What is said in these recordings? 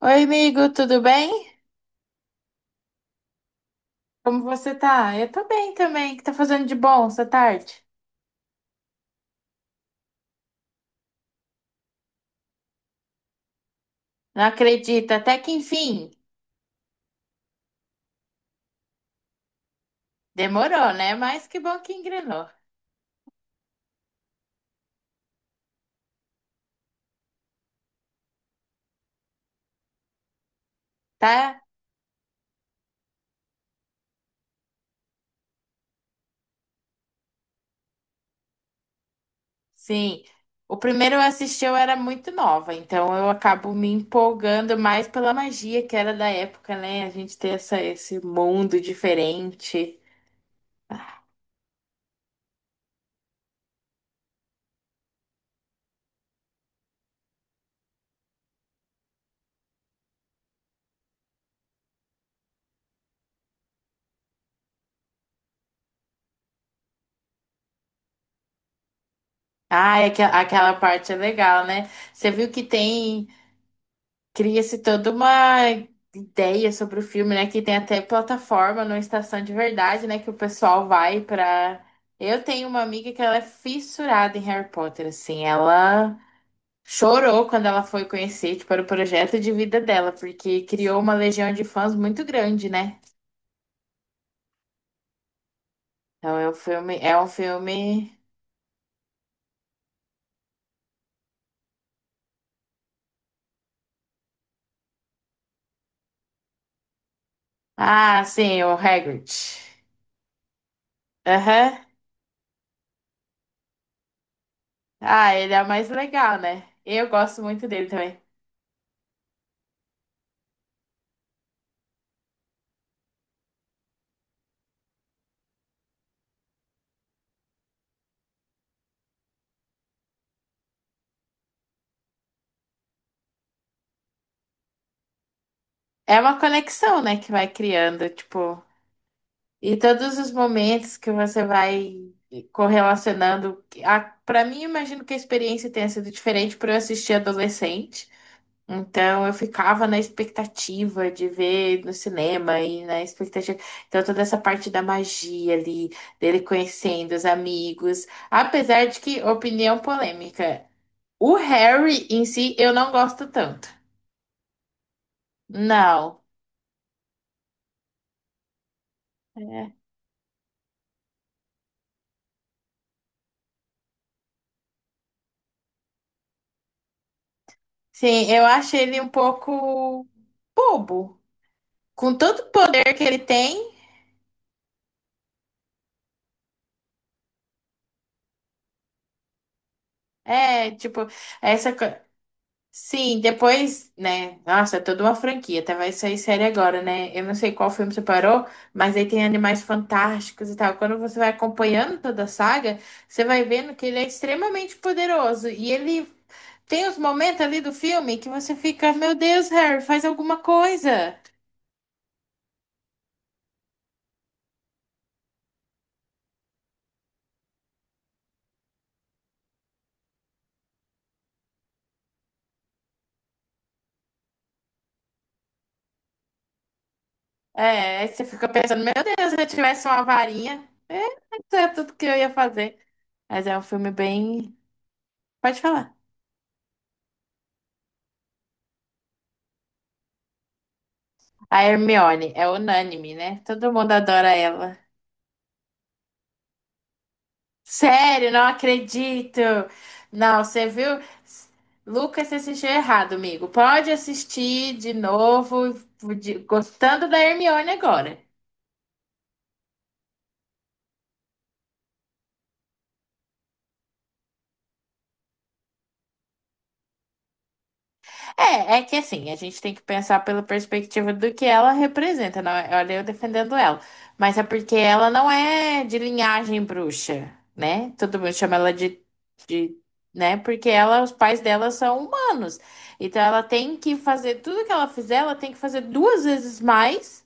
Oi, amigo, tudo bem? Como você tá? Eu tô bem também. O que tá fazendo de bom essa tarde? Não acredito, até que enfim. Demorou, né? Mas que bom que engrenou, tá? Sim. O primeiro eu assisti, eu era muito nova, então eu acabo me empolgando mais pela magia que era da época, né? A gente ter esse mundo diferente. Ah, aquela parte é legal, né? Você viu que tem. Cria-se toda uma ideia sobre o filme, né? Que tem até plataforma numa estação de verdade, né? Que o pessoal vai pra. Eu tenho uma amiga que ela é fissurada em Harry Potter, assim. Ela chorou quando ela foi conhecer, tipo, era o projeto de vida dela, porque criou uma legião de fãs muito grande, né? Então é um filme. É um filme. Ah, sim, o Hagrid. Aham. Ah, ele é o mais legal, né? Eu gosto muito dele também. É uma conexão, né, que vai criando, tipo. E todos os momentos que você vai correlacionando. A, pra mim, eu imagino que a experiência tenha sido diferente por eu assistir adolescente. Então, eu ficava na expectativa de ver no cinema e na expectativa. Então, toda essa parte da magia ali, dele conhecendo os amigos. Apesar de que, opinião polêmica, o Harry em si eu não gosto tanto. Não. É. Sim, eu acho ele um pouco bobo, com tanto poder que ele tem. é, tipo, essa. co- Sim, depois, né? Nossa, é toda uma franquia, até vai sair série agora, né? Eu não sei qual filme você parou, mas aí tem Animais Fantásticos e tal. Quando você vai acompanhando toda a saga, você vai vendo que ele é extremamente poderoso. E ele tem os momentos ali do filme que você fica, meu Deus, Harry, faz alguma coisa. É, aí você fica pensando, meu Deus, se eu tivesse uma varinha, é, isso é tudo que eu ia fazer. Mas é um filme bem. Pode falar. A Hermione é unânime, né? Todo mundo adora ela. Sério, não acredito! Não, você viu? S- Lucas, você assistiu errado, amigo. Pode assistir de novo, gostando da Hermione agora. É, é que assim, a gente tem que pensar pela perspectiva do que ela representa. Não, olha, eu defendendo ela. Mas é porque ela não é de linhagem bruxa, né? Todo mundo chama ela de, né? Porque ela, os pais dela são humanos. Então ela tem que fazer tudo que ela fizer, ela tem que fazer duas vezes mais,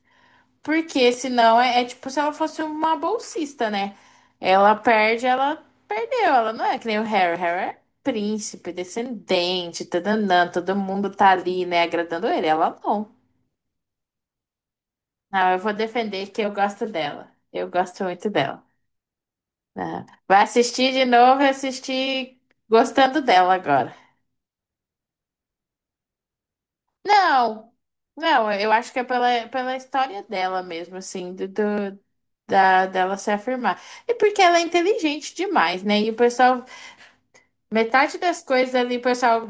porque senão é, é tipo se ela fosse uma bolsista, né? Ela perde, ela perdeu. Ela não é que nem o Harry. Harry é príncipe, descendente, tadanã, todo mundo tá ali, né, agradando ele. Ela não. Não, eu vou defender que eu gosto dela. Eu gosto muito dela, né? Vai assistir de novo e assistir gostando dela agora. Não, não, eu acho que é pela, pela história dela mesmo, assim, dela se afirmar. E porque ela é inteligente demais, né? E o pessoal, metade das coisas ali, o pessoal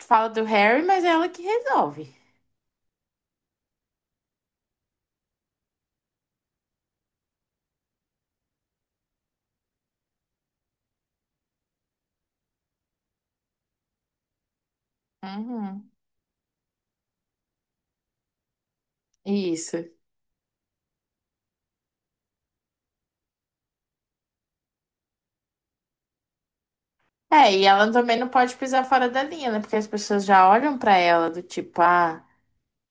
fala do Harry, mas é ela que resolve. Uhum, isso. É, e ela também não pode pisar fora da linha, né? Porque as pessoas já olham pra ela do tipo, ah.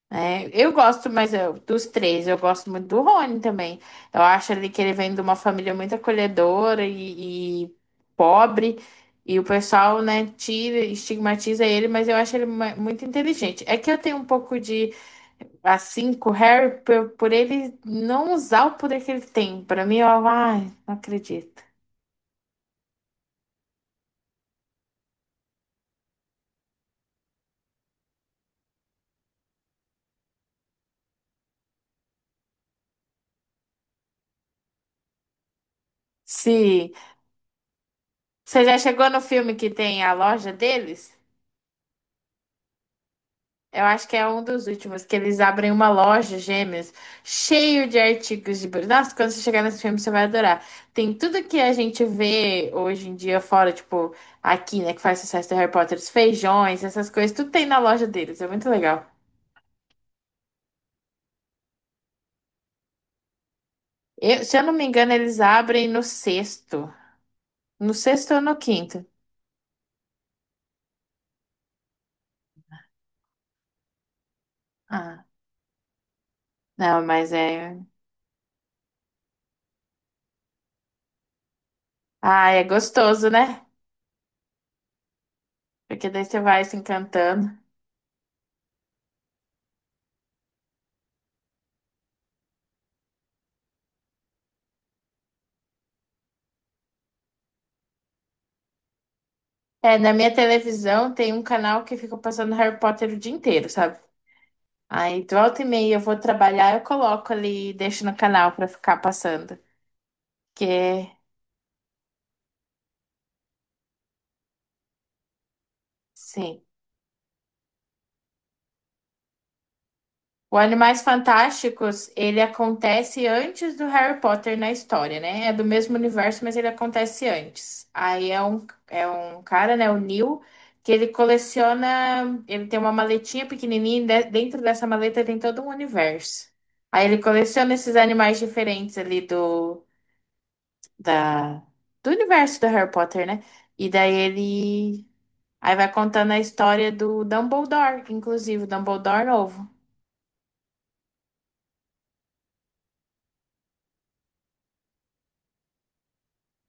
É, eu gosto, mas dos três, eu gosto muito do Rony também. Eu acho ali que ele vem de uma família muito acolhedora e pobre, e o pessoal, né, tira, estigmatiza ele, mas eu acho ele muito inteligente. É que eu tenho um pouco de, assim, com o Harry, por ele não usar o poder que ele tem. Pra mim, eu, ai, não acredito. Sim. Você já chegou no filme que tem a loja deles? Eu acho que é um dos últimos, que eles abrem uma loja gêmeas, cheio de artigos de... Nossa, quando você chegar nesse filme, você vai adorar. Tem tudo que a gente vê hoje em dia fora, tipo, aqui, né, que faz sucesso do Harry Potter, os feijões, essas coisas, tudo tem na loja deles, é muito legal. Se eu não me engano, eles abrem no sexto. No sexto ou no quinto? Ah, não, mas é... Ah, é gostoso, né? Porque daí você vai se encantando. É, na minha televisão tem um canal que fica passando Harry Potter o dia inteiro, sabe? Aí, de volta e meia eu vou trabalhar, eu coloco ali e deixo no canal pra ficar passando. Que, sim. O Animais Fantásticos, ele acontece antes do Harry Potter na história, né? É do mesmo universo, mas ele acontece antes. Aí é é um cara, né, o Neil, que ele coleciona, ele tem uma maletinha pequenininha, e dentro dessa maleta tem todo um universo. Aí ele coleciona esses animais diferentes ali da, do universo do Harry Potter, né? E daí ele. Aí vai contando a história do Dumbledore, inclusive, o Dumbledore novo.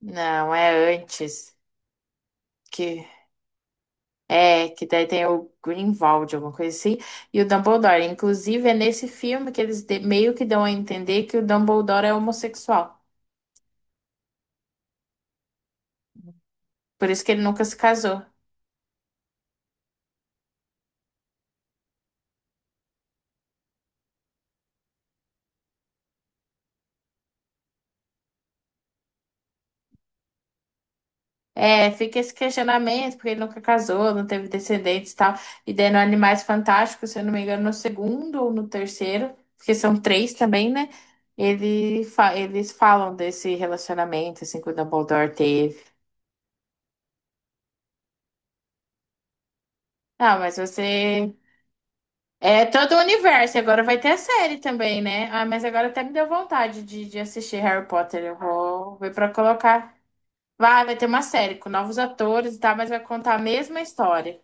Não, é antes. Que que daí tem o Grindelwald, alguma coisa assim, e o Dumbledore. Inclusive, é nesse filme que eles meio que dão a entender que o Dumbledore é homossexual. Por isso que ele nunca se casou. É, fica esse questionamento, porque ele nunca casou, não teve descendentes e tal. E daí no Animais Fantásticos, se eu não me engano, no segundo ou no terceiro, porque são três também, né? Eles falam desse relacionamento, assim, que o Dumbledore teve. Ah, mas você. É todo o universo, e agora vai ter a série também, né? Ah, mas agora até me deu vontade de assistir Harry Potter. Eu vou ver pra colocar. Vai ter uma série com novos atores e tal, mas vai contar a mesma história.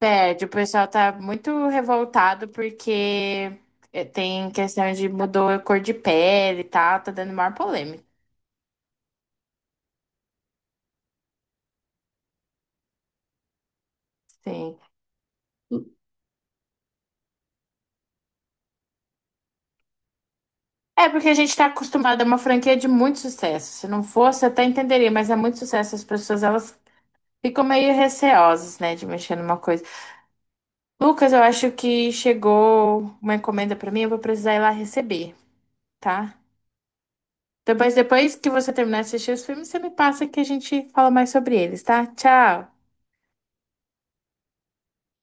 Pede, o pessoal tá muito revoltado porque é, tem questão de mudou a cor de pele e tal, tá dando maior polêmica. Sim. É porque a gente tá acostumado a uma franquia de muito sucesso. Se não fosse, eu até entenderia, mas é muito sucesso. As pessoas, elas ficam meio receosas, né, de mexer numa coisa. Lucas, eu acho que chegou uma encomenda pra mim, eu vou precisar ir lá receber, tá? Depois que você terminar de assistir os filmes, você me passa que a gente fala mais sobre eles, tá? Tchau!